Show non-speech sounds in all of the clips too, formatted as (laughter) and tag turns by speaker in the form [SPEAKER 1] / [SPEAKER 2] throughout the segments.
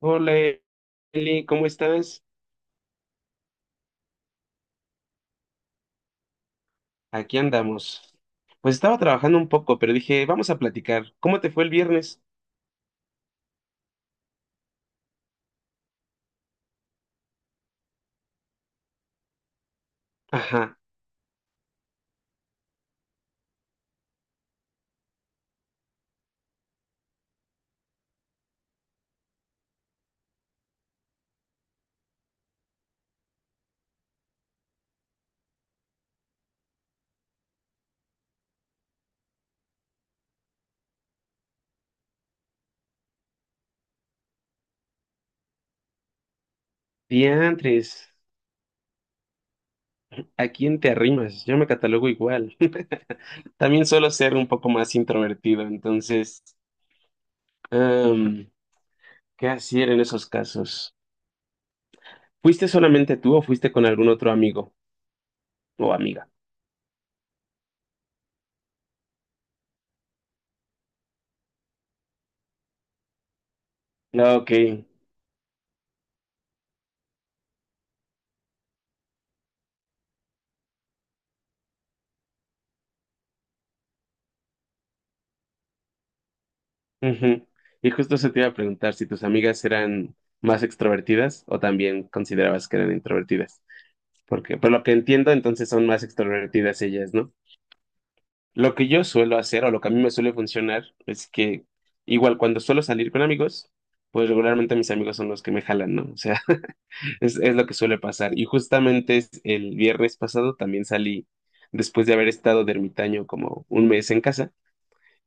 [SPEAKER 1] Hola, Eli, ¿cómo estás? Aquí andamos. Pues estaba trabajando un poco, pero dije, vamos a platicar. ¿Cómo te fue el viernes? Ajá, diantres. ¿A quién te arrimas? Yo me catalogo igual. (laughs) También suelo ser un poco más introvertido, entonces, em, ¿qué hacer en esos casos? ¿Fuiste solamente tú o fuiste con algún otro amigo o amiga? Ah, ok. Ujú. Y justo se te iba a preguntar si tus amigas eran más extrovertidas o también considerabas que eran introvertidas. Porque, por lo que entiendo, entonces son más extrovertidas ellas, ¿no? Lo que yo suelo hacer o lo que a mí me suele funcionar es que, igual cuando suelo salir con amigos, pues regularmente mis amigos son los que me jalan, ¿no? O sea, (laughs) es lo que suele pasar. Y justamente es el viernes pasado también salí, después de haber estado de ermitaño como un mes en casa,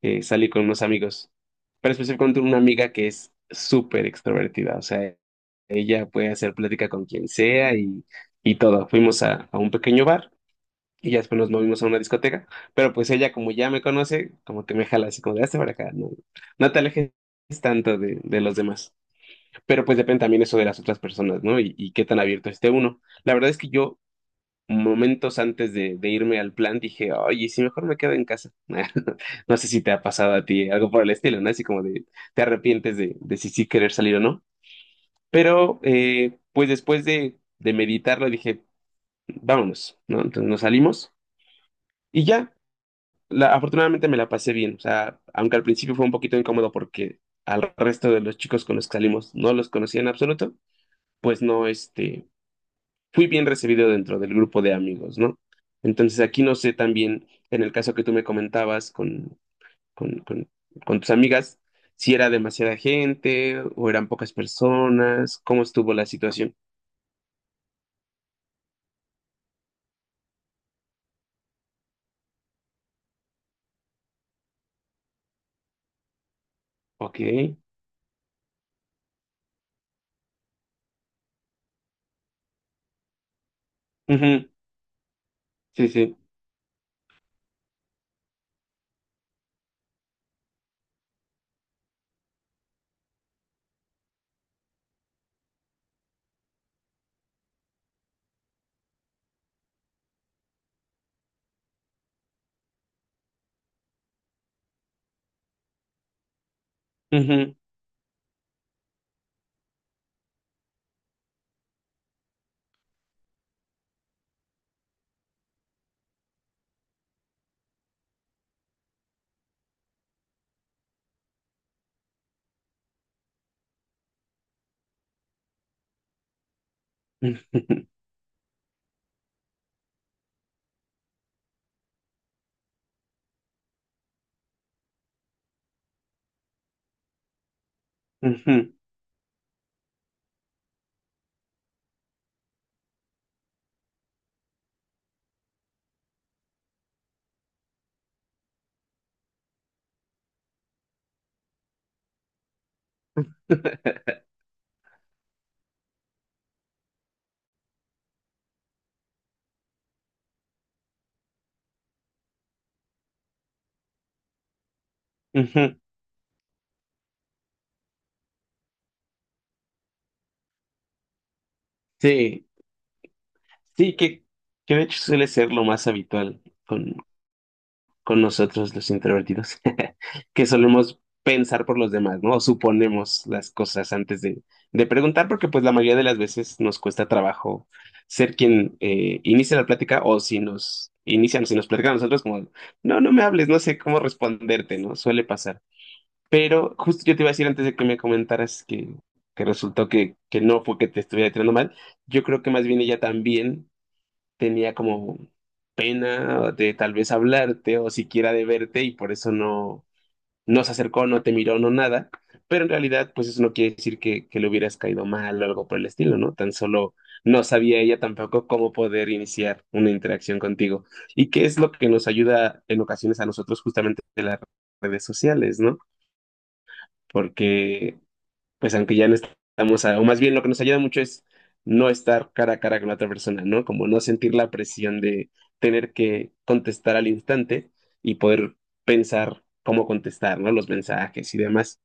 [SPEAKER 1] salí con unos amigos, pero específicamente una amiga que es súper extrovertida, o sea, ella puede hacer plática con quien sea y todo. Fuimos a un pequeño bar y ya después nos movimos a una discoteca. Pero pues ella, como ya me conoce, como que me jala así como de hazte para acá. No, no te alejes tanto de los demás. Pero pues depende también eso de las otras personas, ¿no? Y qué tan abierto esté uno. La verdad es que yo, momentos antes de irme al plan, dije, oye, si mejor me quedo en casa. (laughs) No sé si te ha pasado a ti algo por el estilo, ¿no? Así como de te arrepientes de si sí querer salir o no. Pero pues después de meditarlo, dije, vámonos, ¿no? Entonces nos salimos. Y ya, afortunadamente me la pasé bien, o sea, aunque al principio fue un poquito incómodo porque al resto de los chicos con los que salimos no los conocía en absoluto, pues no, fui bien recibido dentro del grupo de amigos, ¿no? Entonces aquí no sé también, en el caso que tú me comentabas con, con, con, con tus amigas, si era demasiada gente o eran pocas personas, cómo estuvo la situación. Ok. Ujú. Sí, sí. Ujú. (laughs) Ujú, ujú. Sí. Sí, que de hecho suele ser lo más habitual con, con nosotros los introvertidos, (laughs) que solemos pensar por los demás, ¿no? O suponemos las cosas antes de preguntar, porque pues la mayoría de las veces nos cuesta trabajo ser quien inicia la plática, o si nos inician, si nos platican a nosotros como, no, no me hables, no sé cómo responderte, ¿no? Suele pasar. Pero justo yo te iba a decir antes de que me comentaras que resultó que no fue que te estuviera tirando mal. Yo creo que más bien ella también tenía como pena de tal vez hablarte o siquiera de verte, y por eso no, no se acercó, no te miró, no nada. Pero en realidad, pues eso no quiere decir que le hubieras caído mal o algo por el estilo, ¿no? Tan solo no sabía ella tampoco cómo poder iniciar una interacción contigo. ¿Y qué es lo que nos ayuda en ocasiones a nosotros justamente de las redes sociales, ¿no? Porque, pues aunque ya no estamos, o más bien lo que nos ayuda mucho es no estar cara a cara con la otra persona, ¿no? Como no sentir la presión de tener que contestar al instante y poder pensar cómo contestar, ¿no? Los mensajes y demás.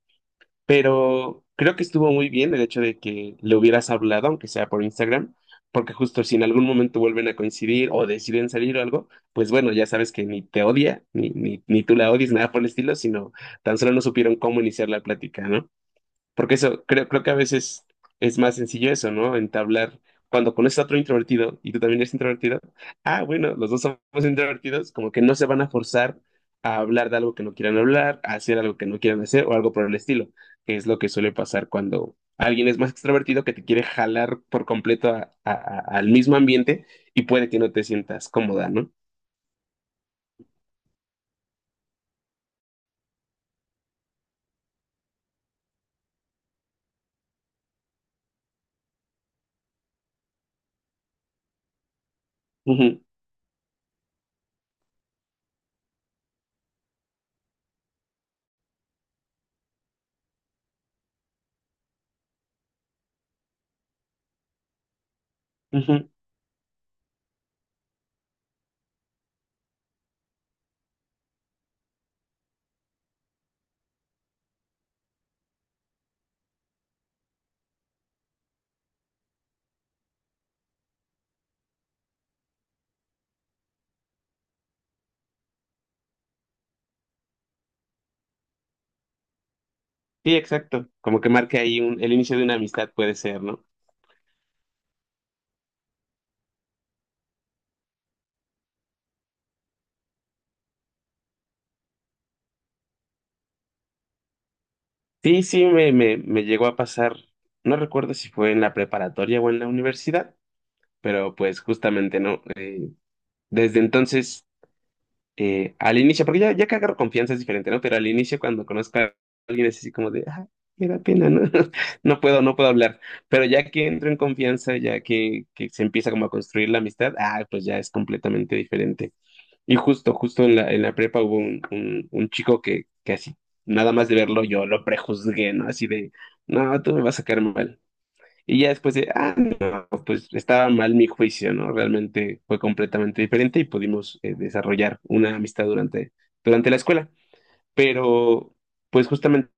[SPEAKER 1] Pero creo que estuvo muy bien el hecho de que le hubieras hablado, aunque sea por Instagram, porque justo si en algún momento vuelven a coincidir o deciden salir o algo, pues bueno, ya sabes que ni te odia, ni, ni, ni tú la odies, nada por el estilo, sino tan solo no supieron cómo iniciar la plática, ¿no? Porque eso, creo, creo que a veces es más sencillo eso, ¿no? Entablar, cuando conoces a otro introvertido y tú también eres introvertido, ah, bueno, los dos somos (laughs) introvertidos, como que no se van a forzar a hablar de algo que no quieran hablar, a hacer algo que no quieran hacer o algo por el estilo, que es lo que suele pasar cuando alguien es más extrovertido que te quiere jalar por completo al mismo ambiente, y puede que no te sientas cómoda, ¿no? Ujú, ujú. Sí, exacto. Como que marque ahí un, el inicio de una amistad puede ser, ¿no? Sí, sí, me, me llegó a pasar, no recuerdo si fue en la preparatoria o en la universidad, pero pues justamente no. Desde entonces, al inicio, porque ya, ya que agarro confianza es diferente, ¿no? Pero al inicio, cuando conozco a alguien, es así como de, ah, me da pena, ¿no? (laughs) No puedo, no puedo hablar. Pero ya que entro en confianza, ya que se empieza como a construir la amistad, ah, pues ya es completamente diferente. Y justo, justo en la prepa hubo un, un chico que así, nada más de verlo, yo lo prejuzgué, ¿no? Así de, no, tú me vas a caer mal. Y ya después de, ah, no, pues estaba mal mi juicio, ¿no? Realmente fue completamente diferente y pudimos desarrollar una amistad durante, durante la escuela. Pero, pues justamente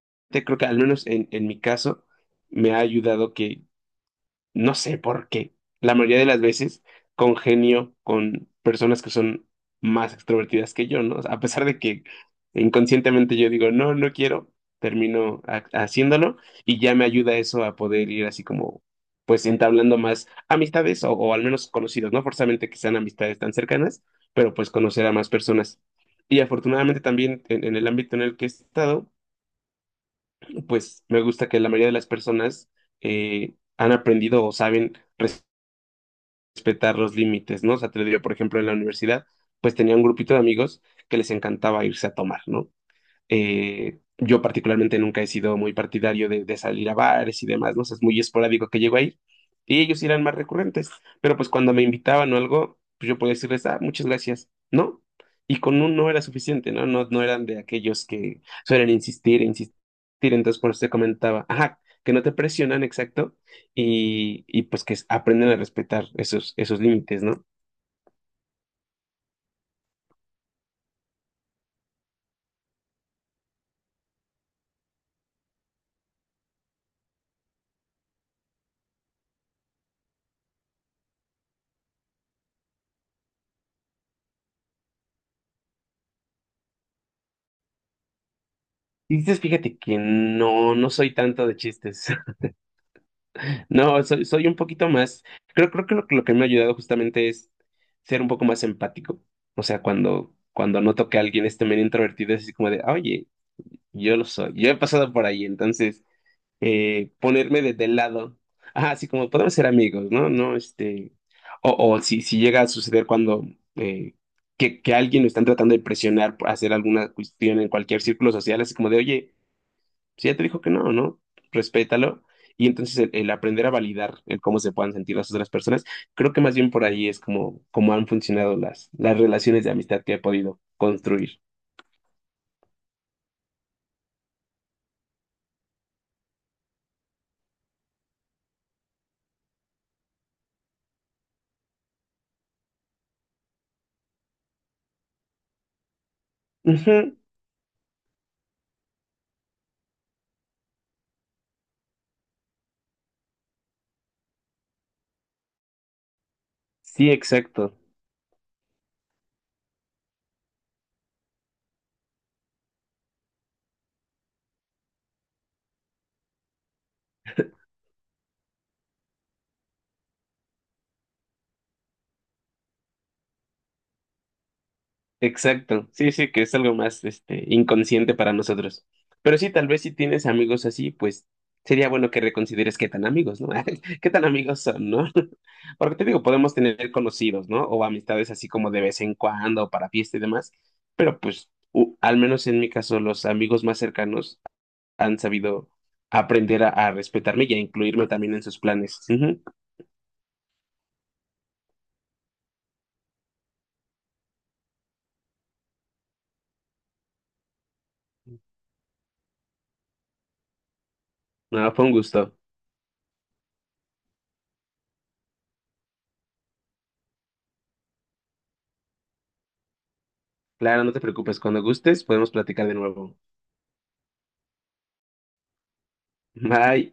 [SPEAKER 1] creo que al menos en mi caso me ha ayudado que, no sé por qué. La mayoría de las veces congenio con personas que son más extrovertidas que yo, ¿no? O sea, a pesar de que inconscientemente yo digo, no, no quiero, termino haciéndolo, y ya me ayuda eso a poder ir así como, pues entablando más amistades, o al menos conocidos, no forzamente que sean amistades tan cercanas, pero pues conocer a más personas. Y afortunadamente también en el ámbito en el que he estado, pues me gusta que la mayoría de las personas han aprendido o saben respetar los límites, ¿no? O sea, te lo digo, por ejemplo, en la universidad, pues tenía un grupito de amigos que les encantaba irse a tomar, ¿no? Yo particularmente nunca he sido muy partidario de salir a bares y demás, ¿no? O sea, es muy esporádico que llego ahí. Y ellos sí eran más recurrentes. Pero pues cuando me invitaban o algo, pues yo podía decirles, ah, muchas gracias, ¿no? Y con un no era suficiente, ¿no? No, no eran de aquellos que suelen insistir, insistir. Entonces por eso te comentaba, ajá, que no te presionan, exacto. Y pues que aprenden a respetar esos, esos límites, ¿no? Y dices, fíjate que no, no soy tanto de chistes. No, soy, soy un poquito más. Creo, creo que lo que me ha ayudado justamente es ser un poco más empático. O sea, cuando, cuando noto que alguien es también introvertido, es así como de, "Ah, oye, yo lo soy, yo he pasado por ahí, entonces ponerme desde el lado. Ah, así como podemos ser amigos, ¿no? No, este. O si, si llega a suceder cuando eh, que alguien lo están tratando de presionar por hacer alguna cuestión en cualquier círculo social, así como de, oye, si ya te dijo que no, ¿no? Respétalo. Y entonces el aprender a validar el cómo se puedan sentir las otras personas, creo que más bien por ahí es como, como han funcionado las relaciones de amistad que he podido construir. Ujú. Sí, exacto. Exacto, sí, sí, que es algo más, este, inconsciente para nosotros. Pero sí, tal vez si tienes amigos así, pues sería bueno que reconsideres qué tan amigos, ¿no? (laughs) ¿Qué tan amigos son, ¿no? (laughs) Porque te digo, podemos tener conocidos, ¿no? O amistades así como de vez en cuando, para fiesta y demás, pero pues, al menos en mi caso, los amigos más cercanos han sabido aprender a respetarme y a incluirme también en sus planes. Ujú. No, fue un gusto. Claro, no te preocupes, cuando gustes podemos platicar de nuevo. Bye.